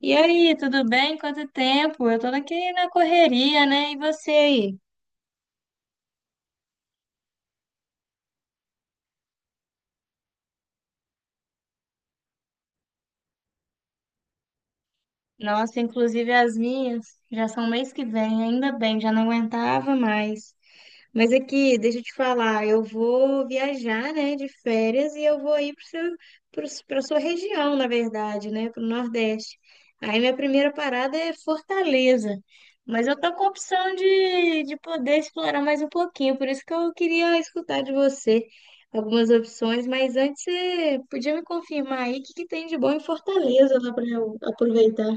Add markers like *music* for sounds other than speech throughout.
E aí, tudo bem? Quanto tempo? Eu tô aqui na correria, né? E você aí? Nossa, inclusive as minhas já são mês que vem, ainda bem, já não aguentava mais. Mas aqui, deixa eu te falar, eu vou viajar, né, de férias e eu vou ir para a sua região, na verdade, né, para o Nordeste. Aí minha primeira parada é Fortaleza. Mas eu tô com a opção de poder explorar mais um pouquinho, por isso que eu queria escutar de você algumas opções, mas antes você podia me confirmar aí o que que tem de bom em Fortaleza lá para eu aproveitar.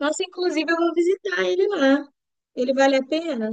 Nossa, inclusive eu vou visitar ele lá. Ele vale a pena?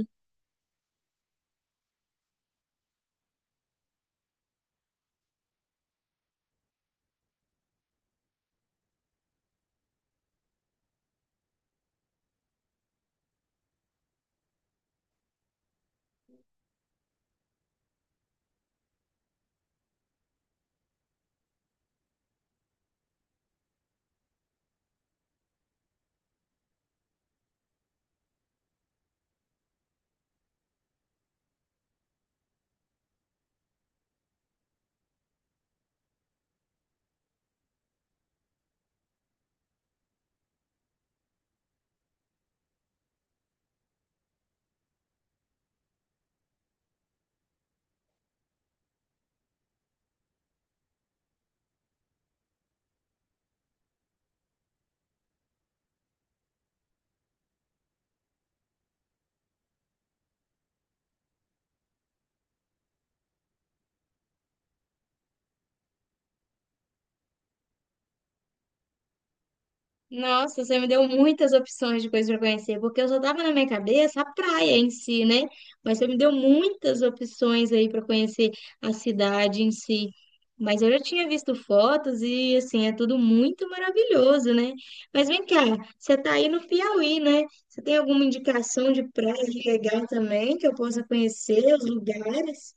Nossa, você me deu muitas opções de coisas para conhecer, porque eu só tava na minha cabeça a praia em si, né? Mas você me deu muitas opções aí para conhecer a cidade em si. Mas eu já tinha visto fotos e assim, é tudo muito maravilhoso, né? Mas vem cá, você tá aí no Piauí, né? Você tem alguma indicação de praia legal também que eu possa conhecer os lugares?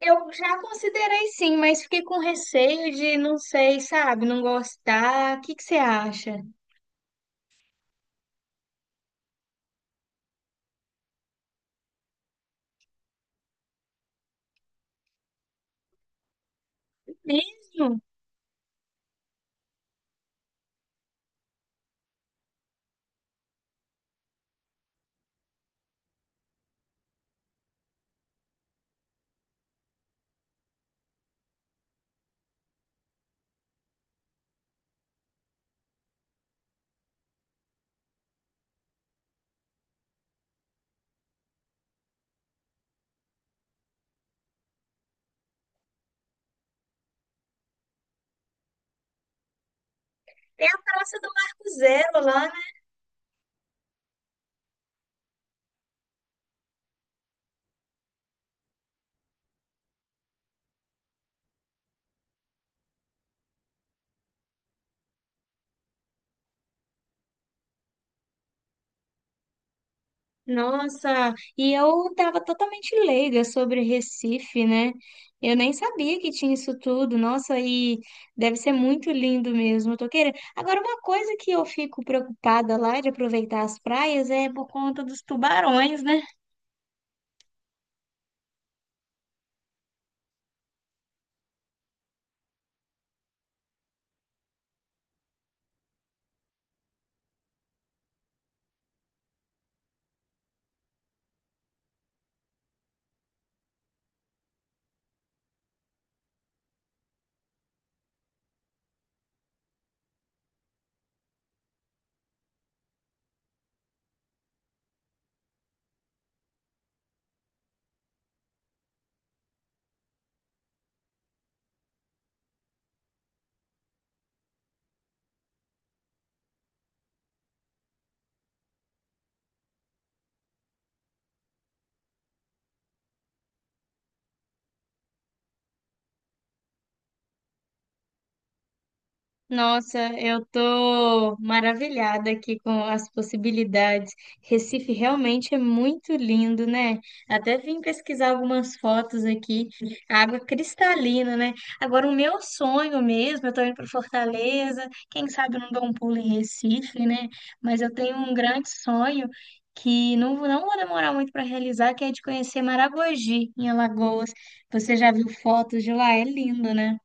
Eu já considerei sim, mas fiquei com receio de, não sei, sabe, não gostar. O que que você acha? Mesmo? Tem a Praça do Marco Zero lá, né? Nossa, e eu tava totalmente leiga sobre Recife, né? Eu nem sabia que tinha isso tudo. Nossa, e deve ser muito lindo mesmo. Eu tô querendo. Agora, uma coisa que eu fico preocupada lá de aproveitar as praias é por conta dos tubarões, né? Nossa, eu tô maravilhada aqui com as possibilidades. Recife realmente é muito lindo, né? Até vim pesquisar algumas fotos aqui, água cristalina, né? Agora, o meu sonho mesmo, eu tô indo para Fortaleza, quem sabe eu não dou um pulo em Recife, né? Mas eu tenho um grande sonho que não vou demorar muito para realizar, que é de conhecer Maragogi, em Alagoas. Você já viu fotos de lá? É lindo, né?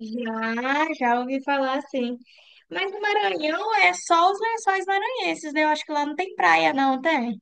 Já, já ouvi falar assim. Mas o Maranhão é só os lençóis maranhenses, né? Eu acho que lá não tem praia, não, tem?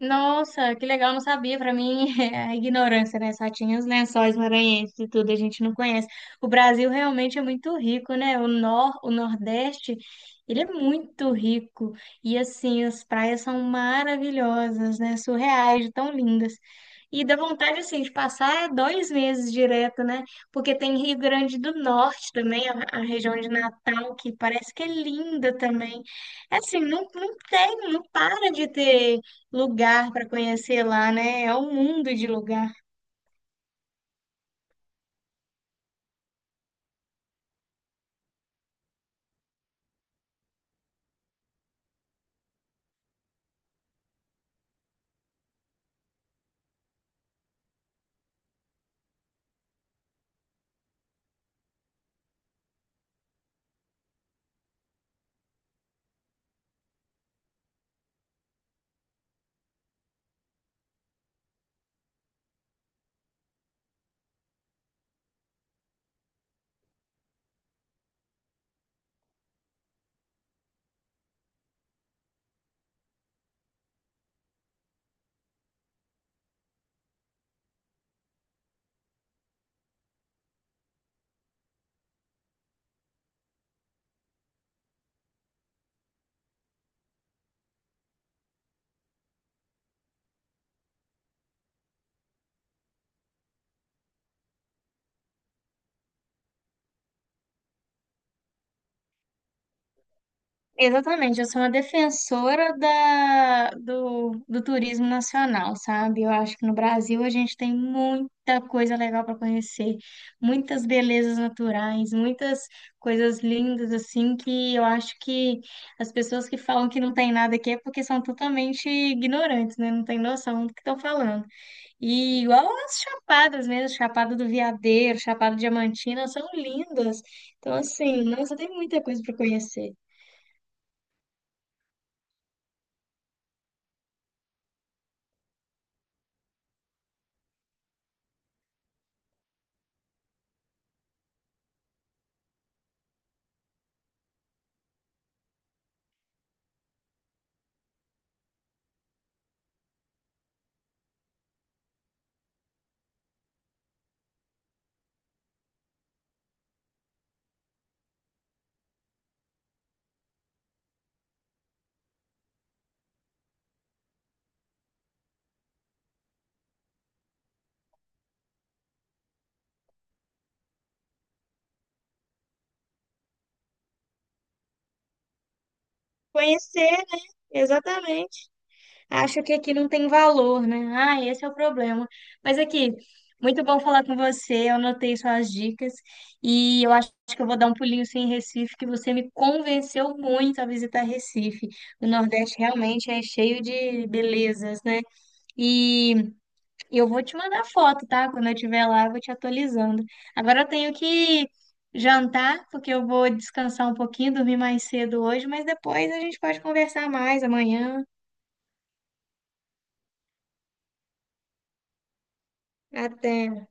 Nossa, que legal, não sabia. Para mim *laughs* é a ignorância, né? Só tinha os lençóis maranhenses e tudo, a gente não conhece. O Brasil realmente é muito rico, né? O nor, o Nordeste, ele é muito rico. E assim, as praias são maravilhosas, né? Surreais, de tão lindas. E dá vontade, assim, de passar dois meses direto, né? Porque tem Rio Grande do Norte também, a região de Natal, que parece que é linda também. É assim, não tem, não para de ter lugar para conhecer lá, né? É um mundo de lugar. Exatamente, eu sou uma defensora do turismo nacional, sabe? Eu acho que no Brasil a gente tem muita coisa legal para conhecer, muitas belezas naturais, muitas coisas lindas, assim, que eu acho que as pessoas que falam que não tem nada aqui é porque são totalmente ignorantes, né? Não tem noção do que estão falando. E igual as chapadas mesmo, Chapada do Veadeiro, Chapada Diamantina, são lindas. Então, assim, nossa, tem muita coisa para conhecer. Conhecer, né? Exatamente. Acho que aqui não tem valor, né? Ah, esse é o problema. Mas aqui, muito bom falar com você. Eu anotei suas dicas e eu acho que eu vou dar um pulinho sim em Recife, que você me convenceu muito a visitar Recife. O Nordeste realmente é cheio de belezas, né? E E eu vou te mandar foto, tá? Quando eu estiver lá, eu vou te atualizando. Agora eu tenho que jantar, porque eu vou descansar um pouquinho, dormir mais cedo hoje, mas depois a gente pode conversar mais amanhã. Até.